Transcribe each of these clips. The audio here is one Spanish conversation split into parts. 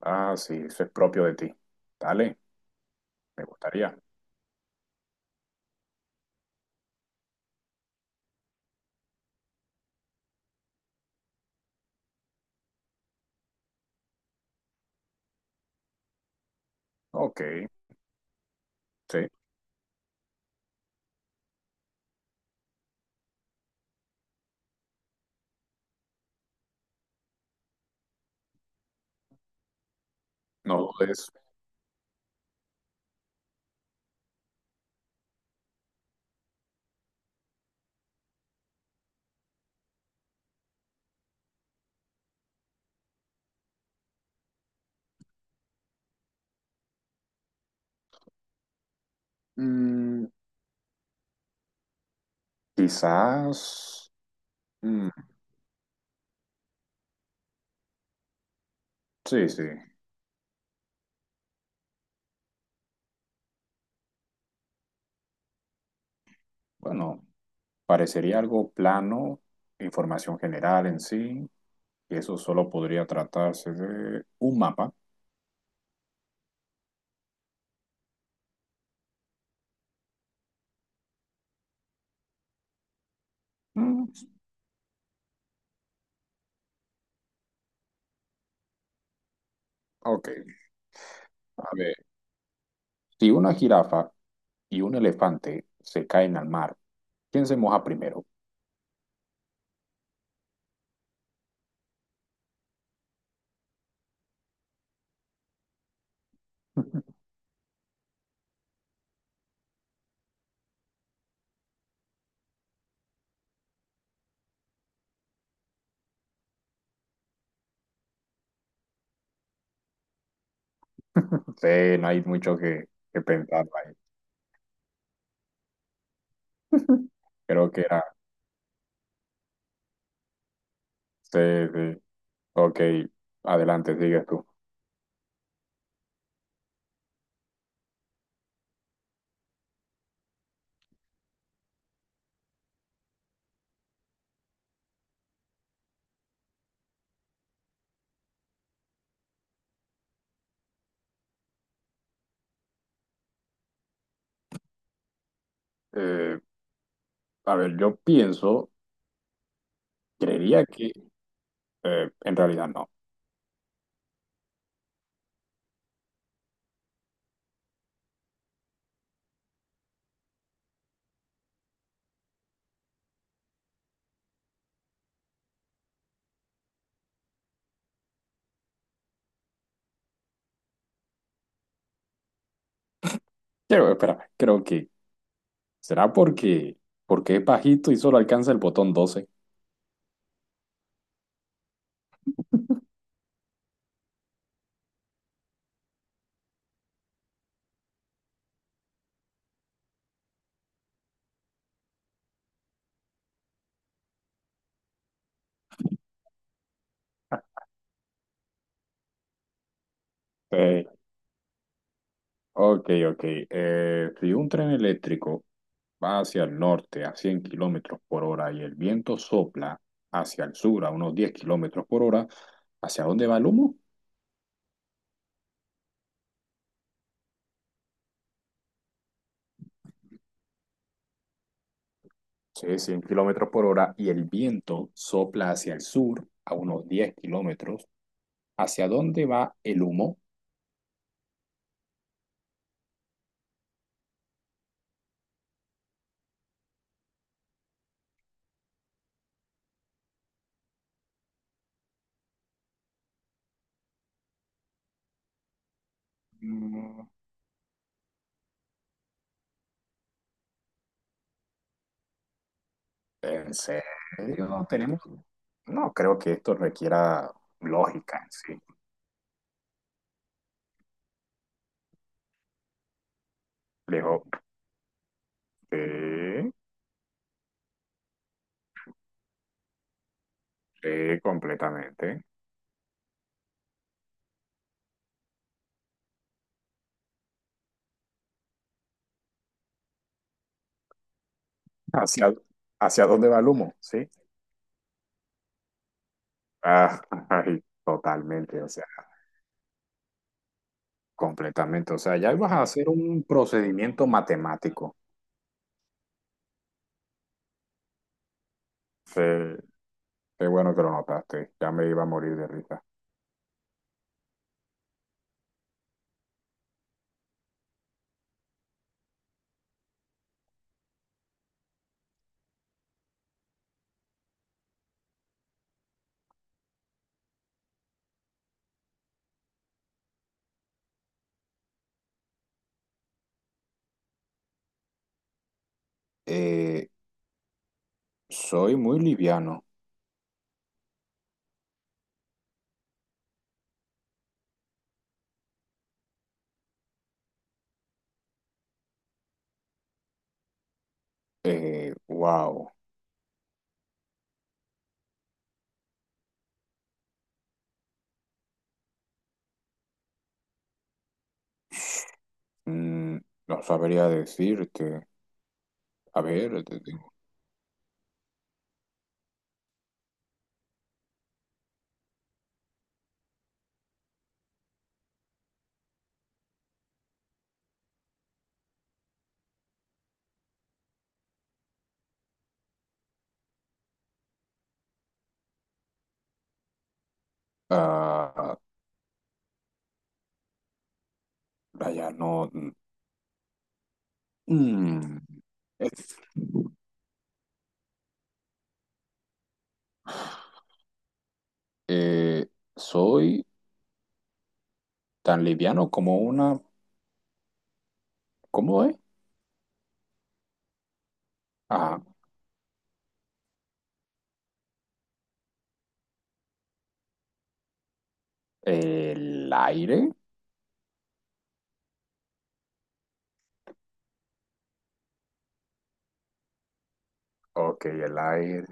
Ah, sí, eso es propio de ti. Dale, me gustaría. Ok, sí, no dudes. Mm, quizás. mm, sí, sí. Bueno, parecería algo plano, información general en sí, y eso solo podría tratarse de un mapa. Mm, ok, a ver. Si una jirafa y un elefante se caen al mar, ¿quién se moja primero? Sí, no hay mucho que pensar ahí. Creo que era. Sí, sí. Ok, adelante, sigues tú. Eh, a ver, yo pienso, creería que, en realidad no. Creo, espera, creo que será porque es bajito y solo alcanza el botón 12. Eh, ok, ok. Si un tren eléctrico va hacia el norte a 100 km/h y el viento sopla hacia el sur a unos 10 km/h, ¿hacia dónde va el humo? Sí, 100 km/h y el viento sopla hacia el sur a unos 10 kilómetros. ¿Hacia dónde va el humo? Mm, ¿En serio? Tenemos... No, creo que esto requiera lógica en sí. Le dijo, sí, sí, completamente. ¿Hacia, hacia dónde va el humo? Sí. Ah, ay, totalmente, o sea, completamente. O sea, ya ibas a hacer un procedimiento matemático. Sí, qué bueno que lo notaste. Ya me iba a morir de risa. Eh, Soy muy liviano. Wow. Mm, no sabría decirte. A ver, te digo. Ah, vaya, no. Mm. Eh, Soy tan liviano como una. ¿Cómo es? Ah, el aire. Ok, el aire.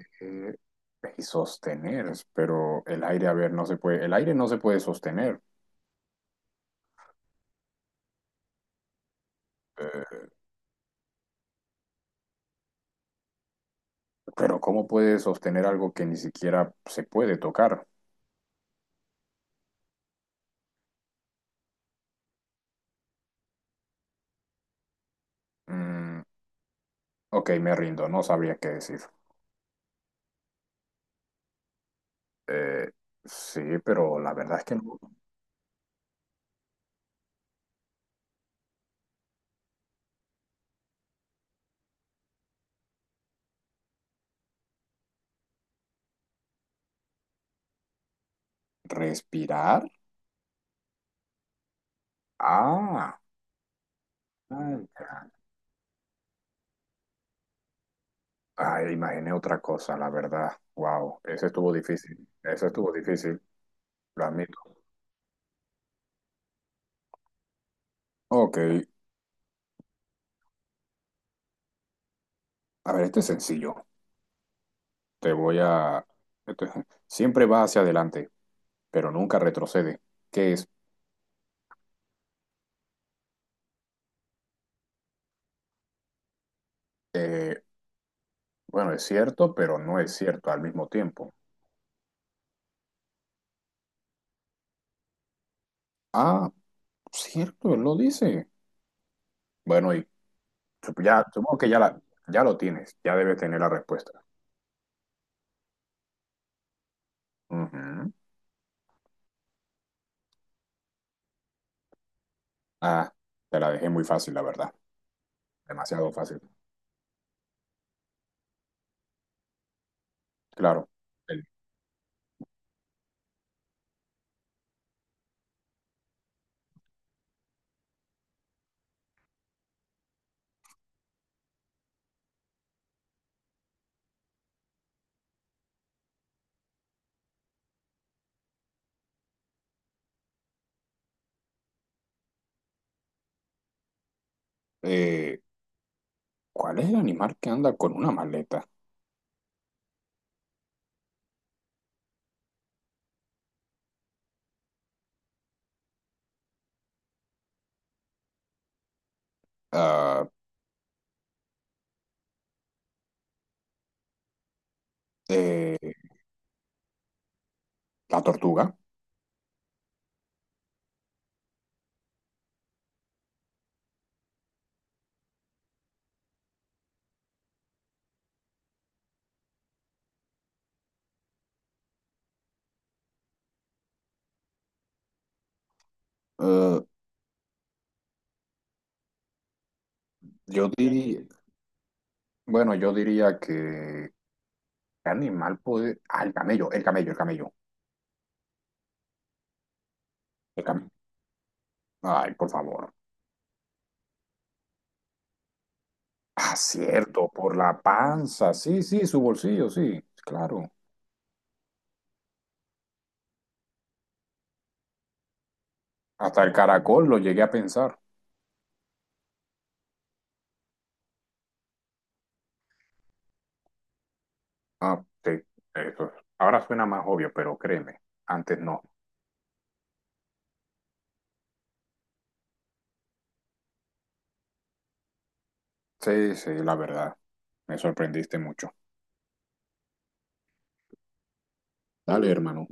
Y sostener, pero el aire, a ver, no se puede. El aire no se puede sostener. Eh, pero ¿cómo puede sostener algo que ni siquiera se puede tocar? Mm, ok, me rindo, no sabría qué decir. Eh, sí, pero la verdad es que no. Respirar. Ah, ah, ya. Ay, imaginé otra cosa, la verdad. Wow, ese estuvo difícil. Ese estuvo difícil, lo admito. Ok, a ver, este es sencillo. Te voy a... esto es- Siempre va hacia adelante, pero nunca retrocede. ¿Qué es? Eh, bueno, es cierto, pero no es cierto al mismo tiempo. Ah, cierto, él lo dice. Bueno, y ya, supongo que ya, ya lo tienes, ya debes tener la respuesta. Ujú. Ah, te la dejé muy fácil, la verdad. Demasiado fácil. Claro. El- eh, ¿Cuál es el animal que anda con una maleta? Ah, eh, la tortuga. Ah, yo diría, bueno, yo diría que ¿qué animal puede? Ah, el camello, el camello, el camello. El camello. Ay, por favor. Ah, cierto, por la panza. Sí, sí, su bolsillo, sí. Claro. Hasta el caracol lo llegué a pensar. Ah, sí. Eso. Ahora suena más obvio, pero créeme, antes no. Sí, sí, la verdad. Me sorprendiste mucho. Dale, hermano.